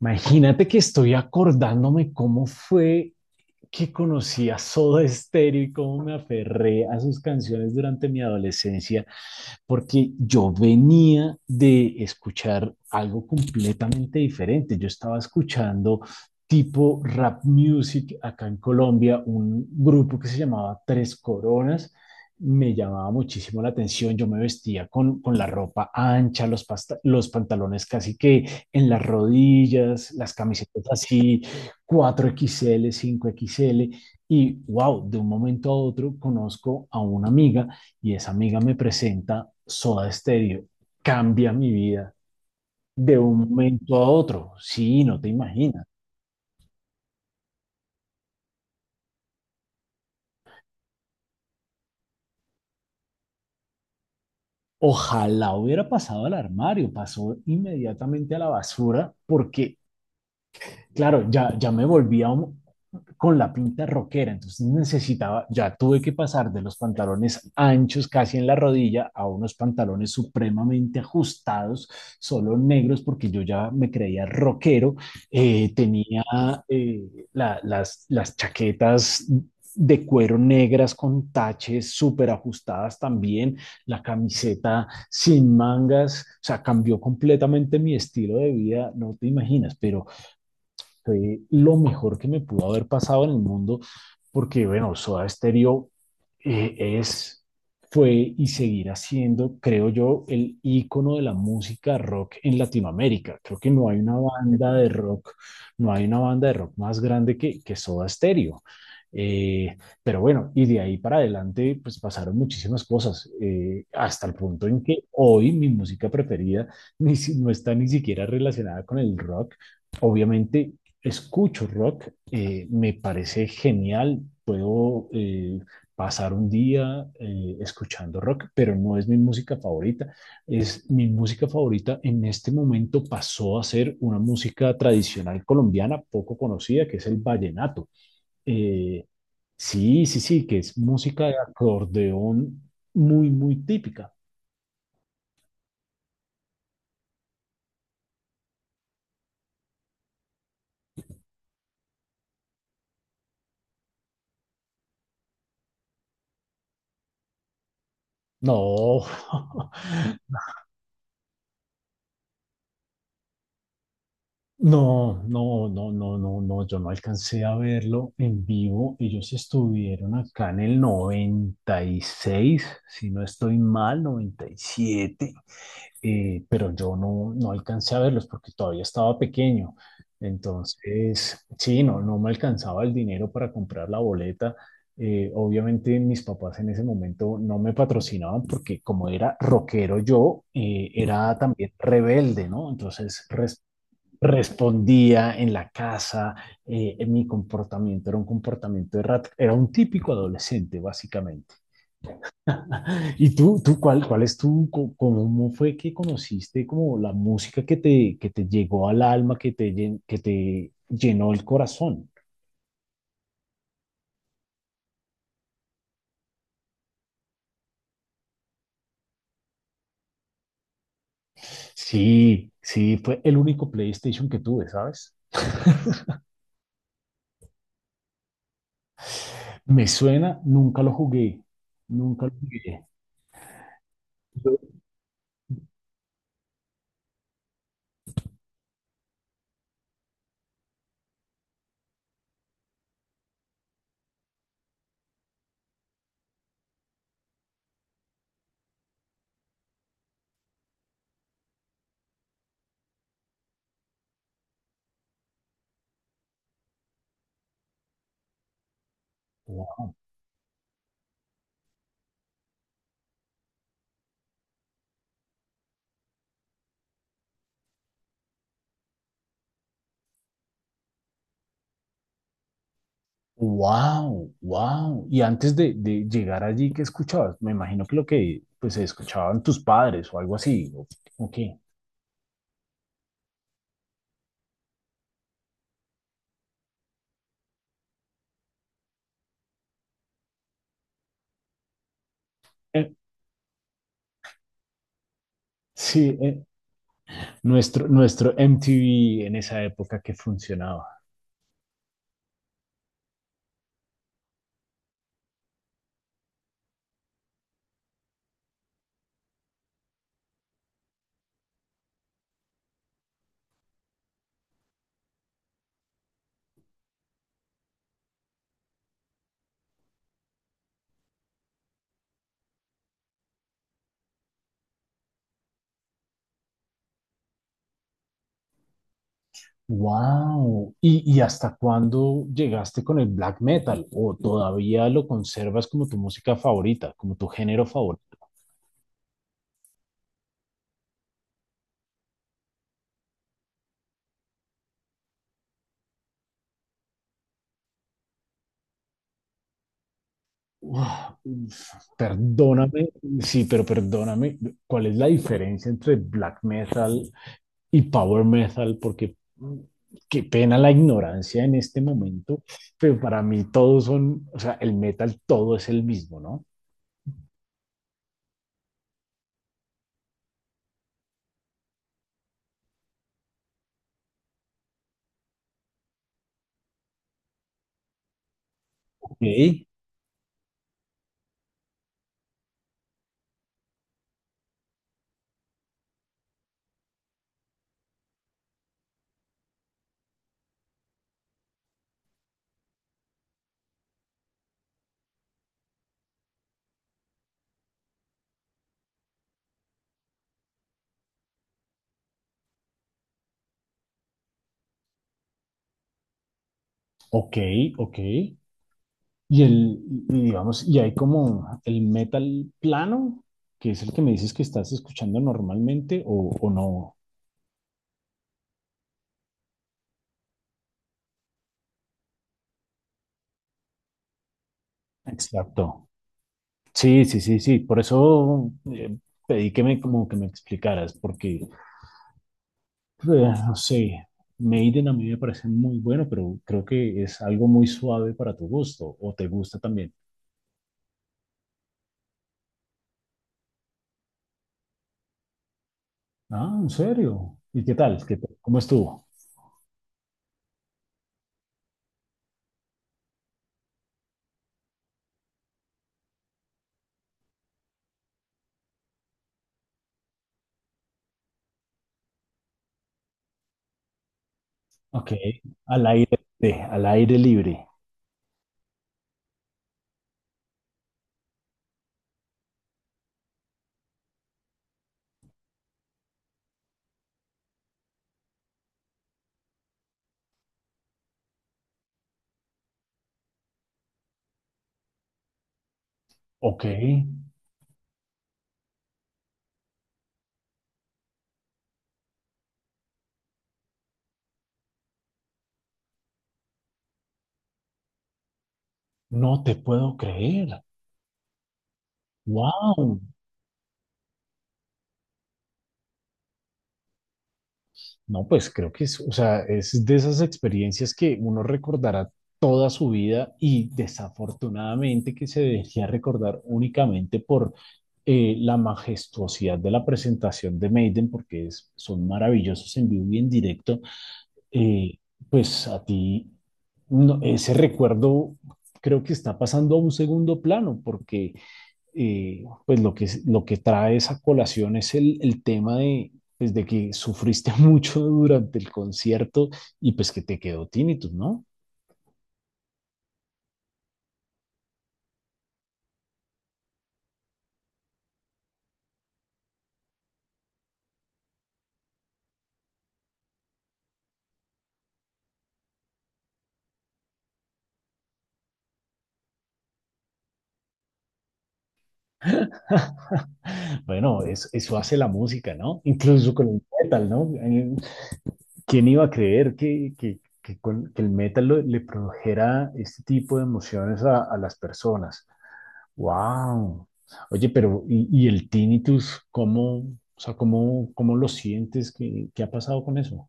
Imagínate que estoy acordándome cómo fue que conocí a Soda Stereo y cómo me aferré a sus canciones durante mi adolescencia, porque yo venía de escuchar algo completamente diferente. Yo estaba escuchando tipo rap music acá en Colombia, un grupo que se llamaba Tres Coronas me llamaba muchísimo la atención. Yo me vestía con la ropa ancha, los pantalones casi que en las rodillas, las camisetas así, 4XL, 5XL. Y wow, de un momento a otro conozco a una amiga y esa amiga me presenta Soda Stereo. Cambia mi vida de un momento a otro. Sí, no te imaginas. Ojalá hubiera pasado al armario, pasó inmediatamente a la basura porque, claro, ya me volví con la pinta rockera, entonces necesitaba, ya tuve que pasar de los pantalones anchos casi en la rodilla a unos pantalones supremamente ajustados, solo negros, porque yo ya me creía rockero. Tenía eh, las chaquetas de cuero negras con taches súper ajustadas también, la camiseta sin mangas, o sea, cambió completamente mi estilo de vida, no te imaginas, pero fue lo mejor que me pudo haber pasado en el mundo, porque bueno, Soda Stereo eh, es, fue y seguirá siendo, creo yo, el ícono de la música rock en Latinoamérica. Creo que no hay una banda de rock, no hay una banda de rock más grande que Soda Stereo. Eh, pero bueno, y de ahí para adelante, pues pasaron muchísimas cosas, hasta el punto en que hoy mi música preferida ni si- no está ni siquiera relacionada con el rock. Obviamente, escucho rock, me parece genial, puedo pasar un día escuchando rock, pero no es mi música favorita. Es mi música favorita en este momento pasó a ser una música tradicional colombiana poco conocida, que es el vallenato. Eh, sí, sí, sí, que es música de acordeón muy, muy típica. No. No, no, no, no, no, no, yo no alcancé a verlo en vivo. Ellos estuvieron acá en el 96, si no estoy mal, 97. Pero yo no, no alcancé a verlos porque todavía estaba pequeño. Entonces, sí, no, no me alcanzaba el dinero para comprar la boleta. Obviamente mis papás en ese momento no me patrocinaban porque como era rockero yo, era también rebelde, ¿no? Entonces respondía en la casa. En mi comportamiento era un comportamiento de rat, era un típico adolescente básicamente. ¿Y tú cuál es cómo fue que conociste como la música que te llegó al alma, que te llenó el corazón? Sí, sí, fue el único PlayStation que tuve, ¿sabes? Me suena, nunca lo jugué, nunca lo jugué. Wow, wow. Y antes de llegar allí, ¿qué escuchabas? Me imagino que lo que pues escuchaban tus padres o algo así. ¿O qué? Eh, sí, nuestro MTV en esa época que funcionaba. Wow. ¿Y hasta cuándo llegaste con el black metal? ¿O todavía lo conservas como tu música favorita, como tu género favorito? Uf, uf. Perdóname, sí, pero perdóname, ¿cuál es la diferencia entre black metal y power metal? Porque qué pena la ignorancia en este momento, pero para mí todos son, o sea, el metal todo es el mismo, ¿no? Ok. Ok, ok. Y el, y digamos, y hay como el metal plano, que es el que me dices que estás escuchando normalmente o no. Exacto. Sí, sí, sí, sí. Por eso pedí que me como que me explicaras, porque no sé, Maiden a mí me parece muy bueno, pero creo que es algo muy suave para tu gusto, o te gusta también. Ah, ¿en serio? ¿Y qué tal? ¿Qué tal? ¿Cómo estuvo? Ok, al aire libre. Ok, no te puedo creer. Wow. No, pues creo que es, o sea, es de esas experiencias que uno recordará toda su vida y desafortunadamente que se debería recordar únicamente por la majestuosidad de la presentación de Maiden, porque son maravillosos en vivo y en directo. Eh, pues a ti ese recuerdo creo que está pasando a un segundo plano, porque pues lo que trae esa colación es el tema de, pues de que sufriste mucho durante el concierto y pues que te quedó tinnitus, ¿no? Bueno, eso hace la música, ¿no? Incluso con el metal, ¿no? ¿Quién iba a creer que el metal le produjera este tipo de emociones a las personas? ¡Wow! Oye, pero ¿y el tinnitus, cómo, o sea, cómo lo sientes? ¿Qué ha pasado con eso?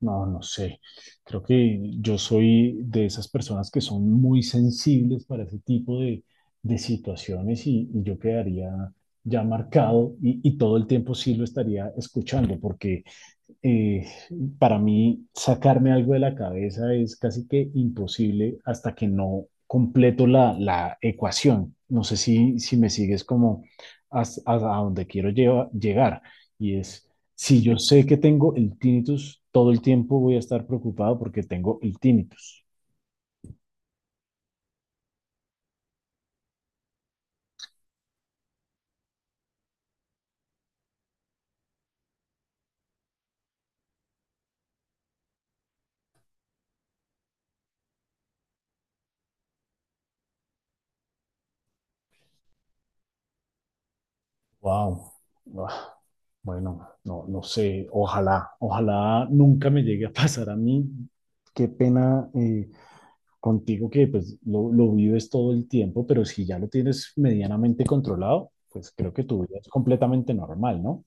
No, no sé. Creo que yo soy de esas personas que son muy sensibles para ese tipo de situaciones y yo quedaría ya marcado y todo el tiempo sí lo estaría escuchando porque eh, para mí sacarme algo de la cabeza es casi que imposible hasta que no completo la ecuación. No sé si, si me sigues como hasta donde quiero llegar. Y es, si yo sé que tengo el tinnitus, todo el tiempo voy a estar preocupado porque tengo el tinnitus. Wow. Bueno, no, no sé, ojalá, ojalá nunca me llegue a pasar a mí. Qué pena. Contigo que pues lo vives todo el tiempo, pero si ya lo tienes medianamente controlado, pues creo que tu vida es completamente normal, ¿no?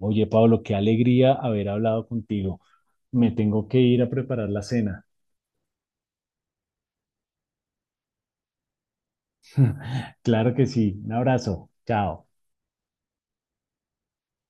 Oye, Pablo, qué alegría haber hablado contigo. Me tengo que ir a preparar la cena. Claro que sí. Un abrazo. Chao.